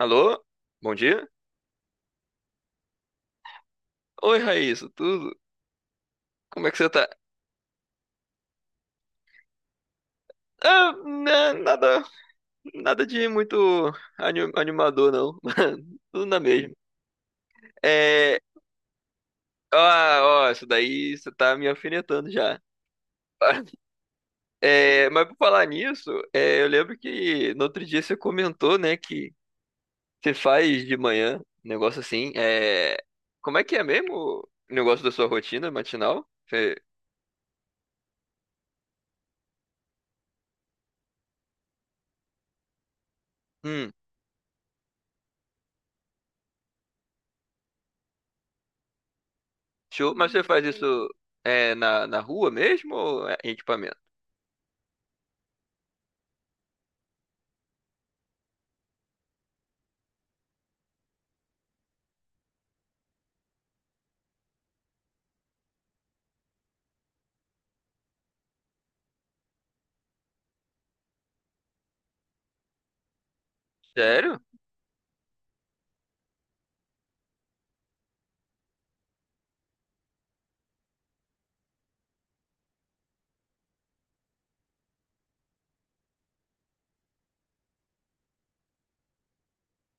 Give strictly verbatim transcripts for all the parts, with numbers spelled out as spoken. Alô? Bom dia? Oi, Raíssa, tudo? Como é que você tá? Ah, né, nada, nada de muito ani- animador, não. Tudo na mesma. É, ó, ó, isso daí você tá me alfinetando já. É, mas por falar nisso, é, eu lembro que no outro dia você comentou, né, que você faz de manhã, um negócio assim. É, como é que é mesmo o negócio da sua rotina matinal? Você- hum, Show. Mas você faz isso é, na, na rua mesmo ou é em equipamento? Sério?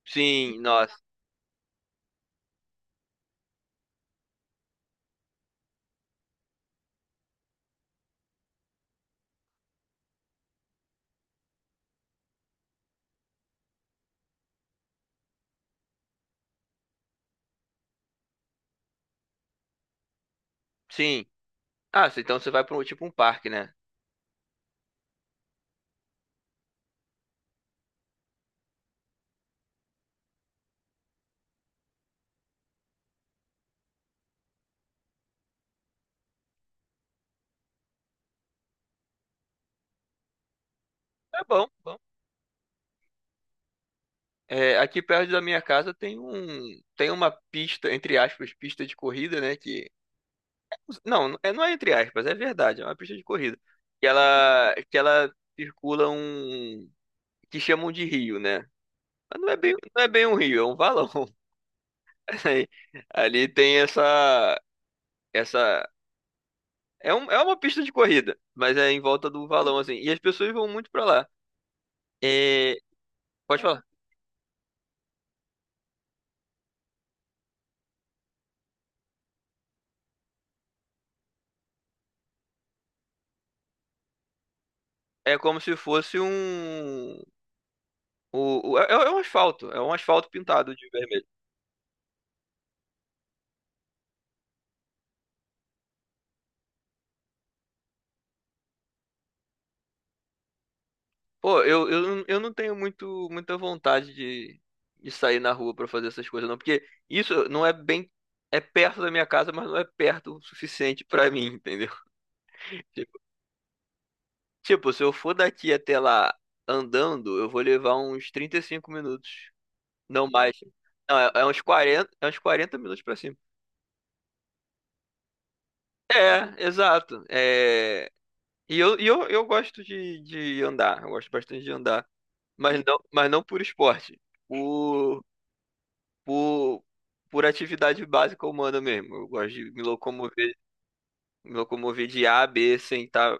Sim, nossa. Sim. Ah, se- então você vai para um tipo um parque, né? É bom, bom. É, aqui perto da minha casa tem um tem uma pista, entre aspas, pista de corrida, né? Que não, é, não é entre aspas, é verdade, é uma pista de corrida. Que ela que ela circula um que chamam de rio, né? Mas não é bem não é bem um rio, é um valão. Aí, ali tem essa essa É, um, é uma pista de corrida, mas é em volta do valão, assim. E as pessoas vão muito pra lá. É, pode falar. É como se fosse um. O, o- é, é um asfalto. É um asfalto pintado de vermelho. Pô, eu, eu, não- eu não tenho muito, muita vontade de, de sair na rua pra fazer essas coisas, não. Porque isso não é bem. É perto da minha casa, mas não é perto o suficiente pra mim, entendeu? Tipo, tipo, se eu for daqui até lá andando, eu vou levar uns trinta e cinco minutos. Não mais. Não, é, é uns quarenta é uns quarenta minutos pra cima. É, exato. É, e eu, e eu, eu gosto de, de andar, eu gosto bastante de andar, mas não, mas não por esporte, por, por, por atividade básica humana mesmo. Eu gosto de me locomover, me locomover de A a bê sem estar.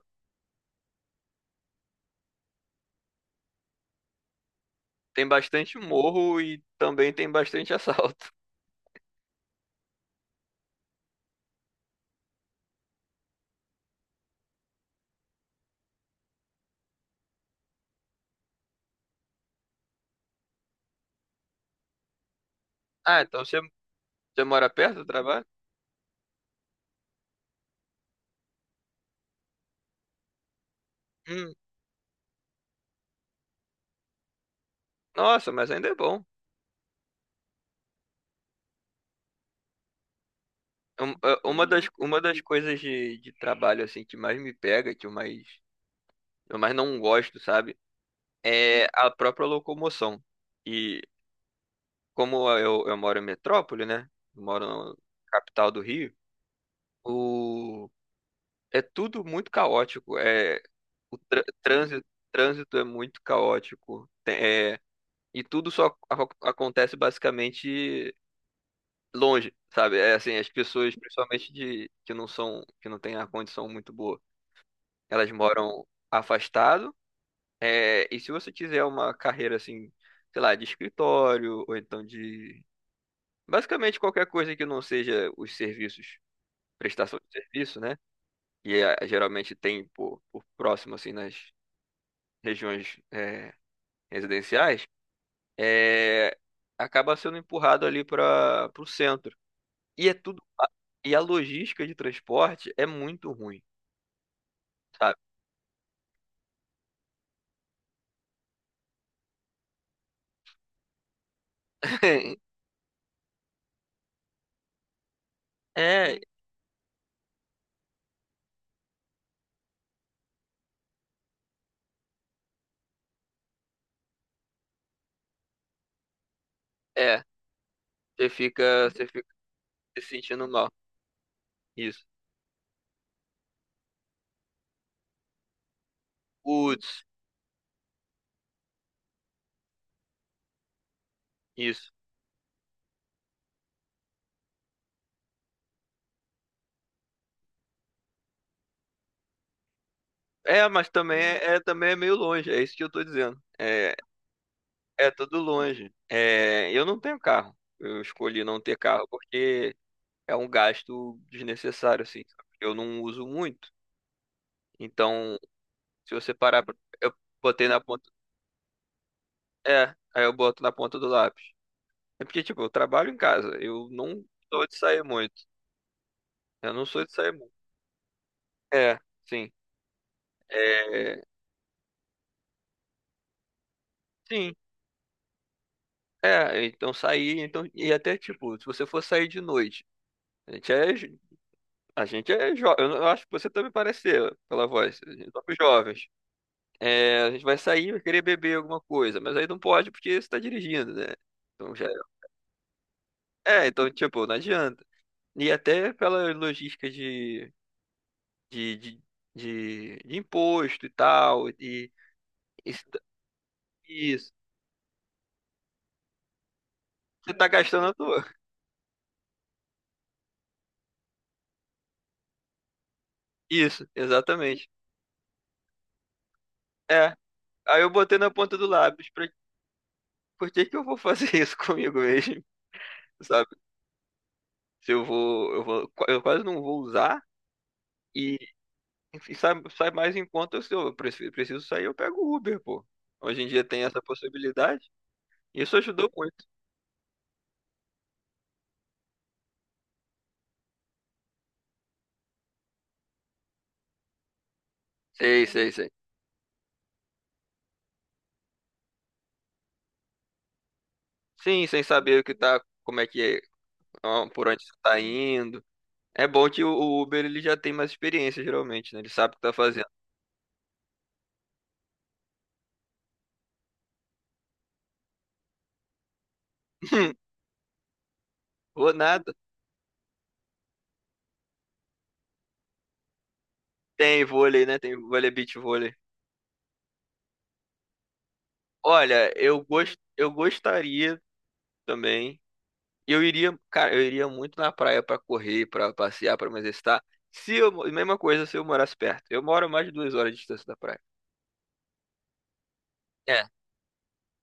Tem bastante morro e também tem bastante assalto. Ah, então você, você mora perto do trabalho? Hum, nossa, mas ainda é bom. Um- é, Uma das, uma das coisas de, de trabalho assim que mais me pega, que eu mais, eu mais não gosto, sabe? É a própria locomoção. E como eu, eu moro em metrópole, né? Eu moro na capital do Rio, o, é tudo muito caótico. É, o trâ- trânsito, trânsito é muito caótico. Tem- É, e tudo só ac- acontece basicamente longe, sabe? É assim, as pessoas, principalmente de, que não são, que não têm a condição muito boa. Elas moram afastado. É, e se você quiser uma carreira assim, sei lá, de escritório ou então de basicamente qualquer coisa que não seja os serviços, prestação de serviço, né? E é, geralmente tem por, por próximo assim nas regiões é, residenciais, é, acaba sendo empurrado ali para o centro. E é tudo E a logística de transporte é muito ruim, sabe? É, é, você fica, você fica se sentindo mal. Isso. Woods isso. É, mas também é, é- também é meio longe, é isso que eu tô dizendo. É, é tudo longe. É, eu não tenho carro. Eu escolhi não ter carro porque é um gasto desnecessário, assim, sabe? Eu não uso muito. Então, se você parar, pra- eu botei na ponta. É, aí eu boto na ponta do lápis. É porque, tipo, eu trabalho em casa. Eu não sou de sair muito. Eu não sou de sair muito. É, sim. É, sim. É, então sair, então, e até tipo, se você for sair de noite. A gente é, jo- a gente é jovem. Eu acho que você também parece ser, pela voz. A gente somos jovens. É, a gente vai sair, vai querer beber alguma coisa, mas aí não pode porque você tá dirigindo, né? Então já é. É, então, tipo, não adianta. E até pela logística de, de, de, de, de imposto e tal, e, e se- isso. Você tá gastando à toa. Isso, exatamente. É. Aí eu botei na ponta do lápis. Pra, por que que eu vou fazer isso comigo mesmo? Sabe? Se eu vou, eu vou, eu quase não vou usar. E, e sai, sai mais em conta. Se eu preciso, preciso sair, eu pego o Uber, pô. Hoje em dia tem essa possibilidade. Isso ajudou muito. Sei, sei, sei. Sim, sem saber o que tá, como é que é, ó, por onde você tá indo. É bom que o o Uber ele já tem mais experiência, geralmente, né? Ele sabe o que tá fazendo. Vou nada. Tem vôlei, né? Tem vôlei, beach vôlei. Olha, eu gost... eu gostaria também. E Eu iria, cara, eu iria muito na praia pra correr, pra passear, pra me exercitar. Se eu, mo- Mesma coisa se eu morasse perto. Eu moro a mais de duas horas de distância da praia. É,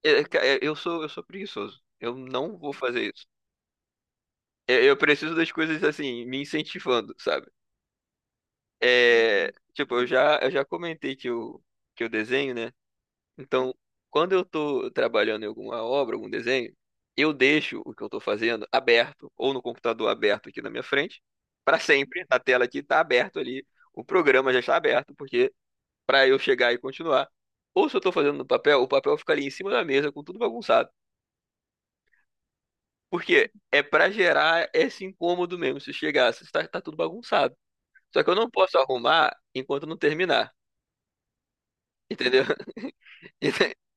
é, ca- é, eu sou, eu sou preguiçoso. Eu não vou fazer isso. É, eu preciso das coisas assim, me incentivando, sabe? É, tipo, eu já, eu já comentei que eu, que eu desenho, né? Então, quando eu estou trabalhando em alguma obra, algum desenho, eu deixo o que eu estou fazendo aberto, ou no computador aberto aqui na minha frente, para sempre. A tela aqui está aberta ali, o programa já está aberto, porque para eu chegar e continuar. Ou se eu estou fazendo no papel, o papel fica ali em cima da mesa com tudo bagunçado. Porque é para gerar esse incômodo mesmo. Se chegasse, tá, tá tudo bagunçado. Só que eu não posso arrumar enquanto não terminar, entendeu?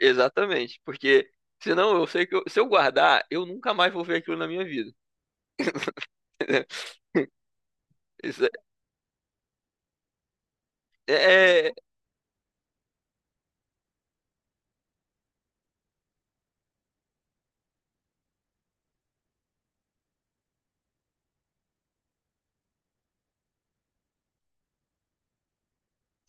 Exatamente, porque senão eu sei que eu- se eu guardar, eu nunca mais vou ver aquilo na minha vida. Isso é, é-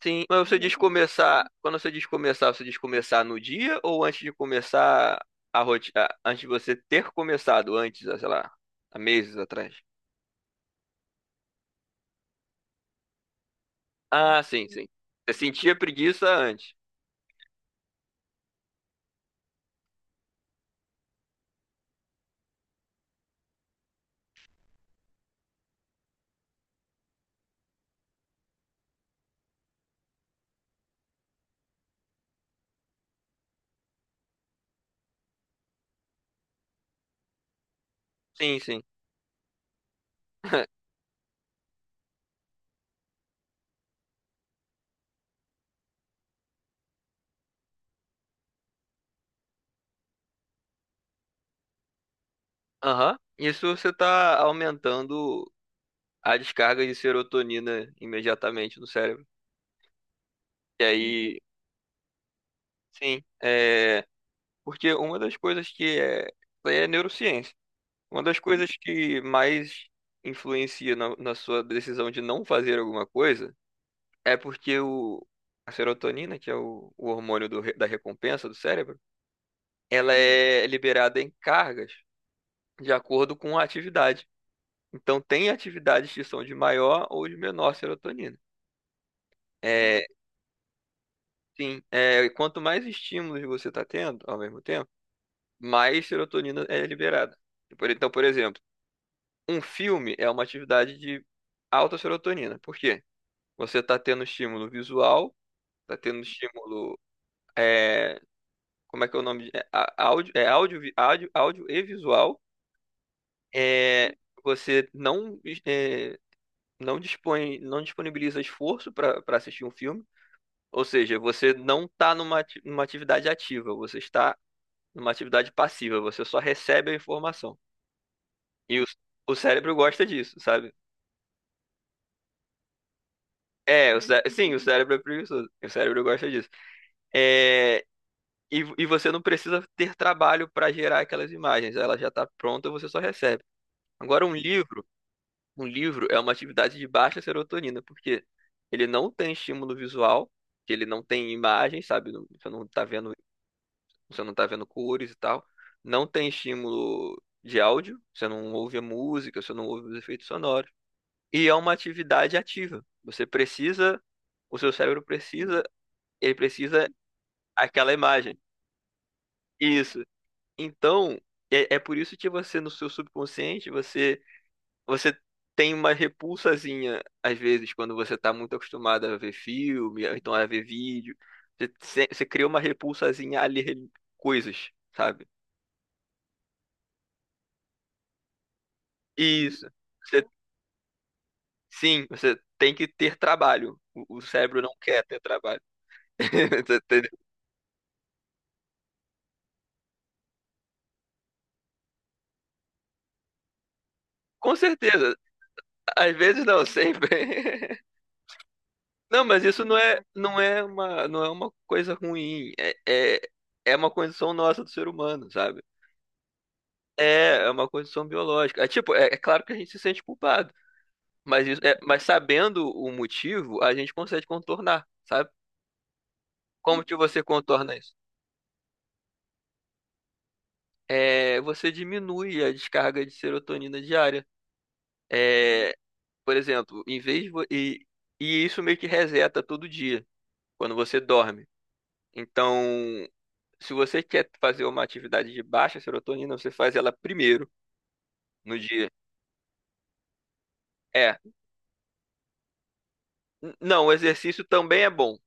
sim, mas você diz começar, quando você diz começar, você diz começar no dia ou antes de começar a rotina, antes de você ter começado, antes, ah, sei lá, há meses atrás? Ah, sim, sim. Você sentia preguiça antes. Sim, sim. Aham. Isso você está aumentando a descarga de serotonina imediatamente no cérebro. E aí, sim, é, porque uma das coisas que é, é neurociência. Uma das coisas que mais influencia na, na sua decisão de não fazer alguma coisa é porque o, a serotonina, que é o, o hormônio do re- da recompensa do cérebro, ela é liberada em cargas de acordo com a atividade. Então, tem atividades que são de maior ou de menor serotonina. É, sim, é, quanto mais estímulos você está tendo ao mesmo tempo, mais serotonina é liberada. Por- Então, por exemplo, um filme é uma atividade de alta serotonina. Por quê? Você está tendo estímulo visual, está tendo estímulo. É, como é que é o nome? É, á- áudio, é áudio, vi- áudio, áudio e visual. É, você não, é, não dispõe, não disponibiliza esforço para para assistir um filme. Ou seja, você não está numa, ati- numa atividade ativa, você está numa atividade passiva, você só recebe a informação. E o, o cérebro gosta disso, sabe? É, o cé- sim, o cérebro é preguiçoso. O cérebro gosta disso. É, e, e você não precisa ter trabalho para gerar aquelas imagens. Ela já está pronta, você só recebe. Agora, um livro, um livro é uma atividade de baixa serotonina, porque ele não tem estímulo visual, que ele não tem imagem, sabe? Não- Você não está vendo, você não tá vendo cores e tal. Não tem estímulo de áudio, você não ouve a música, você não ouve os efeitos sonoros. E é uma atividade ativa. Você precisa o seu cérebro precisa Ele precisa aquela imagem. Isso. Então, é, é por isso que você, no seu subconsciente, você, você tem uma repulsazinha, às vezes, quando você está muito acostumado a ver filme, ou então a ver vídeo. Você, se- Você cria uma repulsazinha a ler coisas, sabe? Isso. Você- sim, você tem que ter trabalho. O, o cérebro não quer ter trabalho. Você entendeu? Com certeza. Às vezes não, sempre. Não, mas isso não é, não é uma, não é uma coisa ruim. É, é, é uma condição nossa do ser humano, sabe? É, é uma condição biológica. É tipo, é, é claro que a gente se sente culpado, mas isso, é, mas sabendo o motivo, a gente consegue contornar, sabe? Como que você contorna isso? É, você diminui a descarga de serotonina diária. É, por exemplo, em vez de, vo- e, e isso meio que reseta todo dia quando você dorme. Então, se você quer fazer uma atividade de baixa serotonina, você faz ela primeiro no dia. É. N- Não, o exercício também é bom.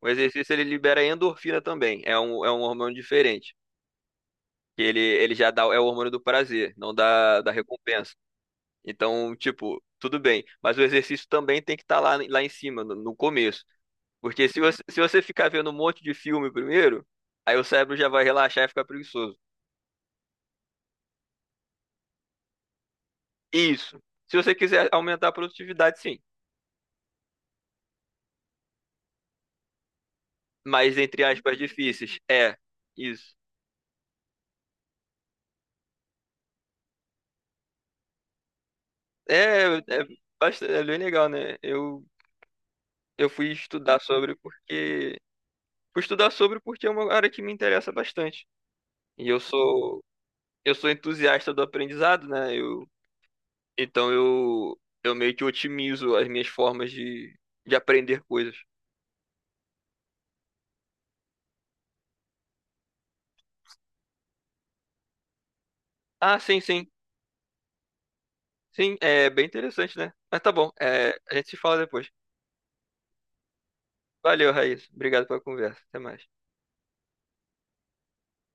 O exercício ele libera endorfina também. É um, é um hormônio diferente. Que ele, ele já dá, é o hormônio do prazer, não da, da recompensa. Então, tipo, tudo bem. Mas o exercício também tem que estar lá, lá em cima, no, no começo. Porque se você, se você ficar vendo um monte de filme primeiro, aí o cérebro já vai relaxar e ficar preguiçoso. Isso. Se você quiser aumentar a produtividade, sim. Mais, entre aspas, difíceis. É, isso. É, é, bastante, é bem legal, né? Eu, eu fui estudar sobre porque. Fui estudar sobre porque é uma área que me interessa bastante. E eu sou, eu sou entusiasta do aprendizado, né? Eu, então eu, eu meio que otimizo as minhas formas de, de aprender coisas. Ah, sim, sim. Sim, é bem interessante, né? Mas tá bom, é, a gente se fala depois. Valeu, Raíssa. Obrigado pela conversa. Até mais.